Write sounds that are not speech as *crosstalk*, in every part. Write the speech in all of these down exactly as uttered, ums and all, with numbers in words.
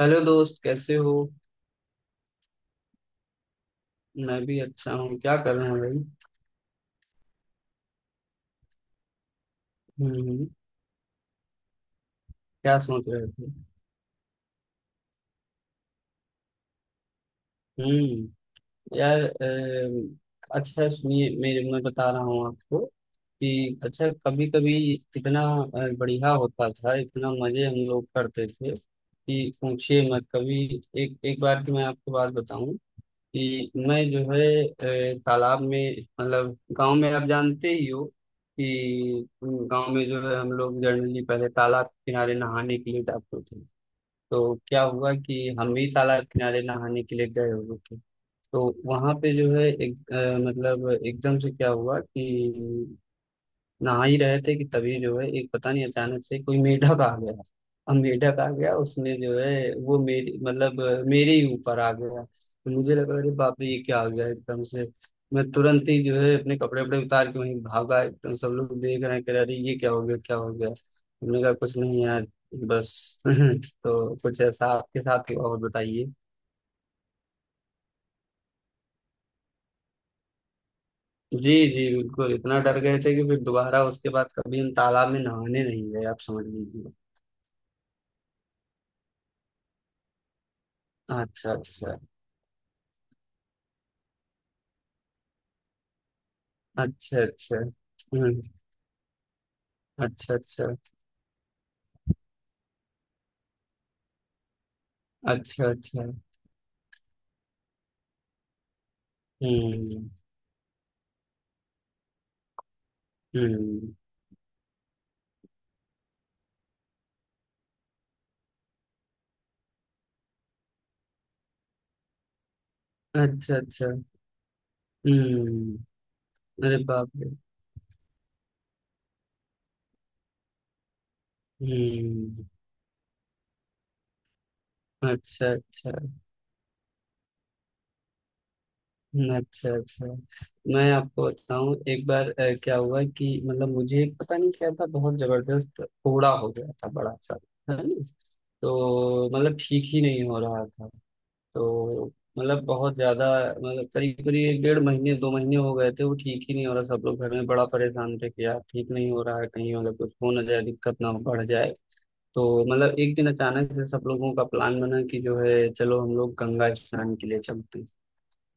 Hello दोस्त, कैसे हो? मैं भी अच्छा हूँ। क्या कर रहे हैं भाई? हम्म। क्या सोच रहे थे? हम्म। यार अ, अच्छा सुनिए, मेरे मैं बता रहा हूँ आपको कि अच्छा, कभी कभी इतना अ, बढ़िया होता था, इतना मजे हम लोग करते थे कि पूछिए मत कभी। एक एक बार की मैं आपको बात बताऊं कि मैं जो है अ, तालाब में, मतलब गांव में, आप जानते ही हो कि गांव में जो है हम लोग जनरली पहले तालाब के किनारे नहाने के लिए जाते थे। तो क्या हुआ कि हम भी तालाब किनारे नहाने के लिए गए हुए थे। तो वहां पे जो है एक अ, मतलब एकदम से क्या हुआ कि नहा ही रहे थे कि तभी जो है, एक पता नहीं अचानक से कोई मेढक आ गया। अब मेढक आ गया, उसने जो है वो मेरी मतलब अ, मेरे ही ऊपर आ गया, तो मुझे लगा अरे बाप रे, ये क्या आ गया एकदम से। मैं तुरंत ही जो है अपने कपड़े वपड़े उतार के वहीं भागा एकदम। सब लोग देख रहे हैं, कह रहे अरे ये क्या हो गया, क्या हो गया? हमने कहा कुछ नहीं यार, बस। *laughs* तो कुछ ऐसा आपके साथ हुआ? और बताइए। जी जी, बिल्कुल। इतना डर गए थे कि फिर दोबारा उसके बाद कभी हम तालाब में नहाने नहीं गए, आप समझ लीजिए। अच्छा अच्छा। अच्छा अच्छा। हम्म। अच्छा अच्छा। अच्छा अच्छा। हम्म। हम्म। अच्छा अच्छा। हम्म। अरे बाप रे! हम्म। अच्छा अच्छा। हम्म, अच्छा अच्छा। मैं आपको बताऊं, एक बार अ, क्या हुआ कि मतलब मुझे एक पता नहीं क्या था, बहुत जबरदस्त फोड़ा हो गया था बड़ा सा। है ना। तो मतलब ठीक ही नहीं हो रहा था। तो मतलब बहुत ज्यादा, मतलब करीब करीब एक डेढ़ महीने, दो महीने हो गए थे, वो ठीक ही नहीं हो रहा। सब लोग घर में बड़ा परेशान थे कि यार ठीक नहीं हो रहा है, कहीं मतलब कुछ हो ना जाए, दिक्कत ना बढ़ जाए। तो मतलब एक दिन अचानक से सब लोगों का प्लान बना कि जो है चलो हम लोग गंगा स्नान के लिए चलते हैं।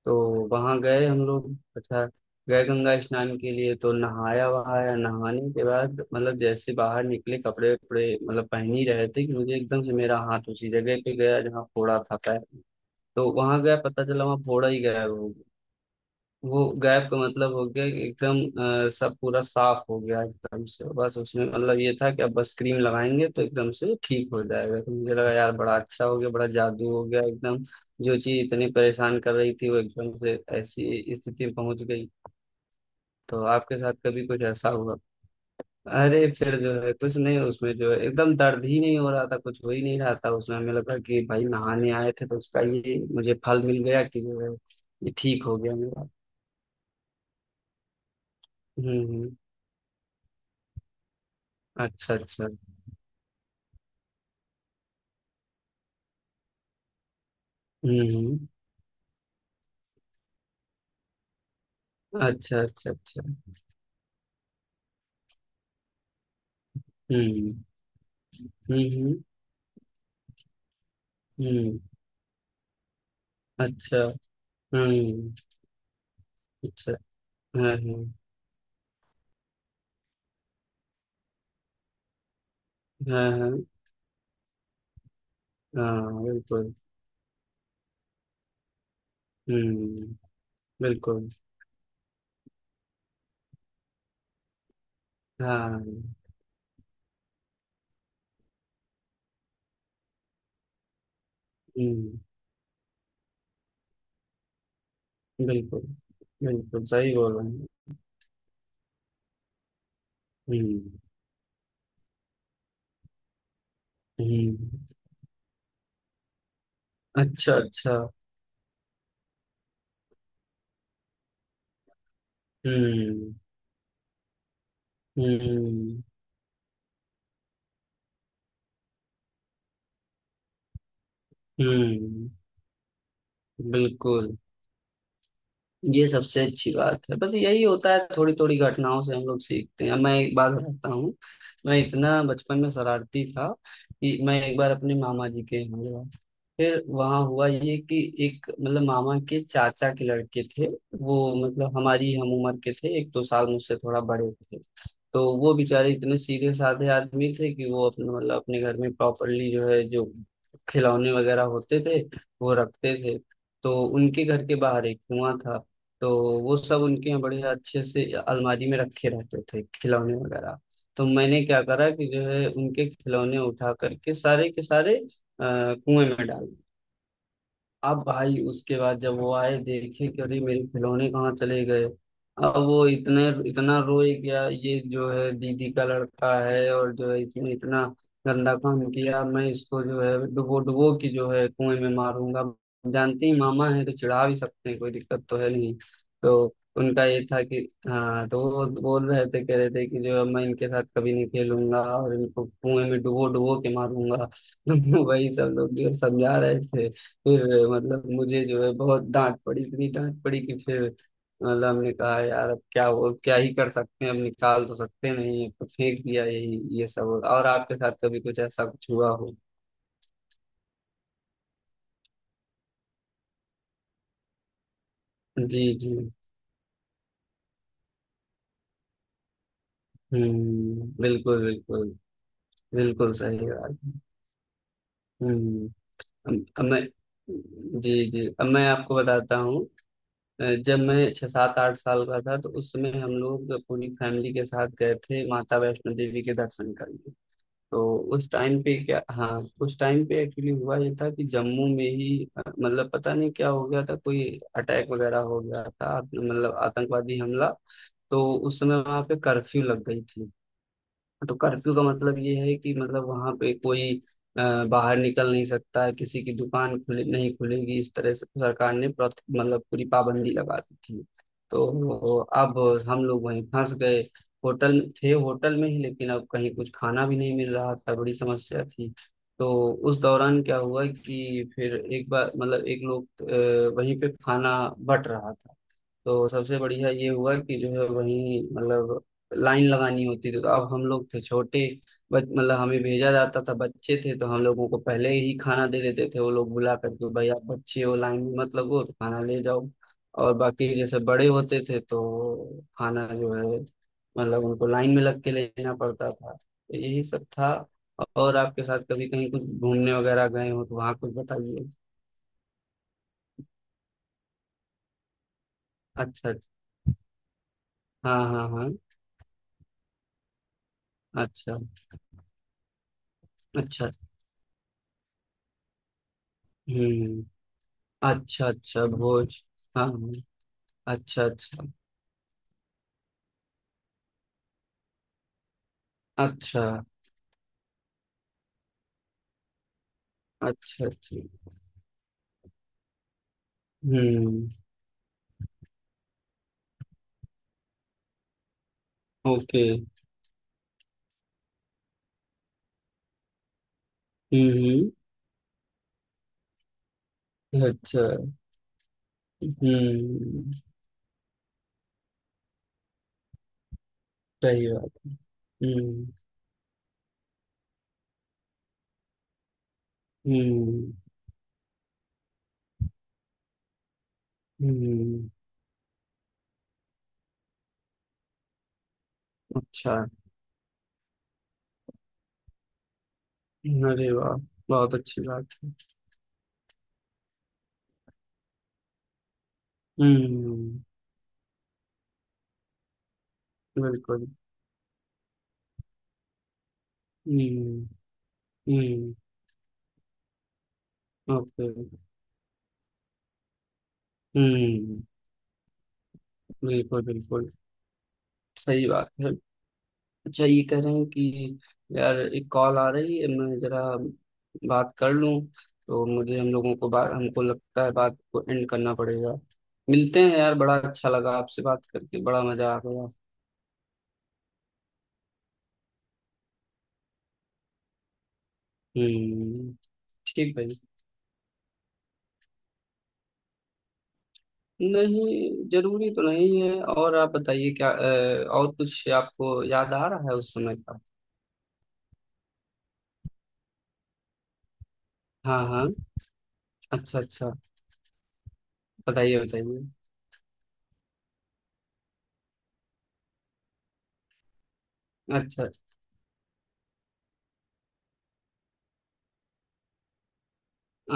तो वहां गए हम लोग। अच्छा, गए गंगा स्नान के लिए, तो नहाया वहाया। नहाने के बाद मतलब जैसे बाहर निकले, कपड़े वपड़े मतलब पहन ही रहे थे कि मुझे एकदम से मेरा हाथ उसी जगह पे गया जहाँ फोड़ा था, पैर। तो वहां गया पता चला वहां फोड़ा ही गायब हो गया। वो गायब का मतलब हो गया कि एकदम अ, सब पूरा साफ हो गया एकदम से। बस उसमें मतलब ये था कि अब बस क्रीम लगाएंगे तो एकदम से ठीक हो जाएगा। तो मुझे लगा यार बड़ा अच्छा हो गया, बड़ा जादू हो गया एकदम। जो चीज इतनी परेशान कर रही थी वो एकदम से ऐसी स्थिति में पहुंच गई। तो आपके साथ कभी कुछ ऐसा हुआ? अरे फिर जो है कुछ नहीं, उसमें जो है एकदम दर्द ही नहीं हो रहा था, कुछ हो ही नहीं रहा था। उसमें हमें लगा कि भाई नहाने आए थे तो उसका ये मुझे फल मिल गया कि जो है, ये ठीक हो गया मेरा। हम्म हम्म, अच्छा अच्छा। हम्म हम्म, अच्छा अच्छा अच्छा। हम्म हम्म। हम्म हम्म, अच्छा। हम्म। अच्छा। हाँ हाँ। हाँ। हाँ हाँ, बिल्कुल। हम्म। बिल्कुल। हाँ। हम्म। बिल्कुल बिल्कुल सही बोल रहे हैं। हम्म हम्म। अच्छा अच्छा। हम्म हम्म। हम्म। बिल्कुल। ये सबसे अच्छी बात है, बस यही होता है, थोड़ी थोड़ी घटनाओं से हम लोग सीखते हैं। मैं एक बात बताता हूँ। मैं इतना बचपन में शरारती था कि मैं एक बार अपने मामा जी के यहाँ गया। फिर वहाँ हुआ ये कि एक, मतलब मामा के चाचा के लड़के थे। वो मतलब हमारी हम उम्र के थे, एक दो साल मुझसे थोड़ा बड़े थे। तो वो बेचारे इतने सीधे साधे आदमी थे कि वो अपने, मतलब अपने घर में प्रॉपरली जो है, जो खिलौने वगैरह होते थे वो रखते थे। तो उनके घर के बाहर एक कुआं था। तो वो सब उनके यहाँ बढ़िया अच्छे से अलमारी में रखे रहते थे, खिलौने वगैरह। तो मैंने क्या करा कि जो है उनके खिलौने उठा करके सारे के सारे अ, कुएं में डाल। अब भाई उसके बाद जब वो आए देखे कि अरे, मेरे खिलौने कहाँ चले गए? अब वो इतने इतना रोए। क्या ये जो है दीदी का लड़का है, और जो है इसने इतना गंदा काम किया, मैं इसको जो है डुबो डुबो के जो है कुएं में मारूंगा। जानते ही मामा है तो चिढ़ा भी सकते हैं, कोई दिक्कत तो है नहीं। तो उनका ये था कि हाँ, तो वो बोल रहे थे, कह रहे थे कि जो है मैं इनके साथ कभी नहीं खेलूंगा और इनको कुएं में डुबो डुबो के मारूंगा। *laughs* वही सब लोग जो है समझा रहे थे। फिर मतलब मुझे जो है बहुत डांट पड़ी, इतनी डांट पड़ी कि फिर मतलब हमने कहा यार अब क्या हो, क्या ही कर सकते हैं, अब निकाल तो सकते नहीं, तो फेंक दिया यही ये सब। और आपके साथ कभी कुछ ऐसा कुछ हुआ हो? जी जी। हम्म। बिल्कुल बिल्कुल। बिल्कुल सही बात है। हम्म। अब अब मैं जी जी, अब मैं आपको बताता हूँ। अ, जब मैं छह सात आठ साल का था, तो उस समय हम लोग पूरी फैमिली के साथ गए थे माता वैष्णो देवी के दर्शन करने। तो उस टाइम पे क्या, हाँ, उस टाइम पे एक्चुअली हुआ ये था कि जम्मू में ही अ, मतलब पता नहीं क्या हो गया था, कोई अटैक वगैरह हो गया था। आत- मतलब आतंकवादी हमला। तो उस समय वहां पे कर्फ्यू लग गई थी। तो कर्फ्यू का मतलब ये है कि मतलब वहां पे कोई अ, बाहर निकल नहीं सकता है, किसी की दुकान खुले नहीं खुलेगी, इस तरह से सरकार ने प्रत- मतलब पूरी पाबंदी लगा दी थी। तो अब हम लोग वहीं फंस गए। होटल थे होटल में ही, लेकिन अब कहीं कुछ खाना भी नहीं मिल रहा था, बड़ी समस्या थी। तो उस दौरान क्या हुआ कि फिर एक बार मतलब एक लोग अ, वहीं पे खाना बट रहा था। तो सबसे बढ़िया ये हुआ कि जो है वही, मतलब लाइन लगानी होती थी। तो अब हम लोग थे छोटे, बच मतलब हमें भेजा जाता था, बच्चे थे, तो हम लोगों को पहले ही खाना दे देते थे। वो लोग बुला करके भाई आप बच्चे हो, लाइन में मत लगो, तो खाना ले जाओ। और बाकी जैसे बड़े होते थे तो खाना जो है मतलब उनको लाइन में लग के लेना पड़ता था। तो यही सब था। और आपके साथ कभी कहीं कुछ घूमने वगैरह गए हो तो वहाँ कुछ बताइए। अच्छा अच्छा। हाँ हाँ हाँ। अच्छा अच्छा। हम्म। अच्छा अच्छा भोज। हाँ हाँ, अच्छा अच्छा। अच्छा अच्छा अच्छा। हम्म। ओके। हम्म। अच्छा। हम्म। सही बात। हम्म हम्म। हम्म। अच्छा। अरे वाह, बहुत अच्छी बात है। हम्म। बिल्कुल। हम्म हम्म। ओके। हम्म। बिल्कुल बिल्कुल सही बात है। अच्छा, ये कह रहे हैं कि यार एक कॉल आ रही है, मैं जरा बात कर लूं। तो मुझे हम लोगों को बात हमको लगता है बात को एंड करना पड़ेगा। मिलते हैं यार, बड़ा अच्छा लगा आपसे बात करके, बड़ा मजा आ गया। हम्म, ठीक भाई। नहीं जरूरी तो नहीं है, और आप बताइए क्या अ, और कुछ आपको याद आ रहा है उस समय का? हाँ हाँ। अच्छा अच्छा, बताइए बताइए। अच्छा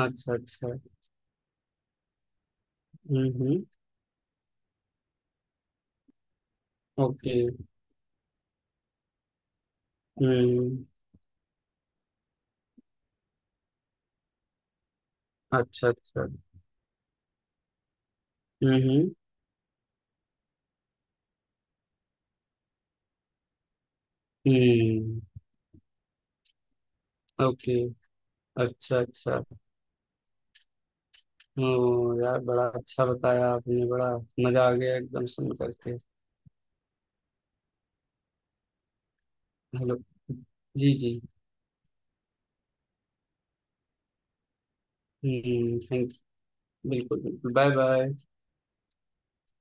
अच्छा अच्छा। हम्म हम्म। ओके। हम्म। अच्छा अच्छा। हम्म हम्म। हम्म। ओके। अच्छा अच्छा। हम्म, यार बड़ा अच्छा बताया आपने, बड़ा मजा आ गया एकदम सुन करके। हेलो। जी जी। हम्म, थैंक यू। बिल्कुल बिल्कुल। Bye bye.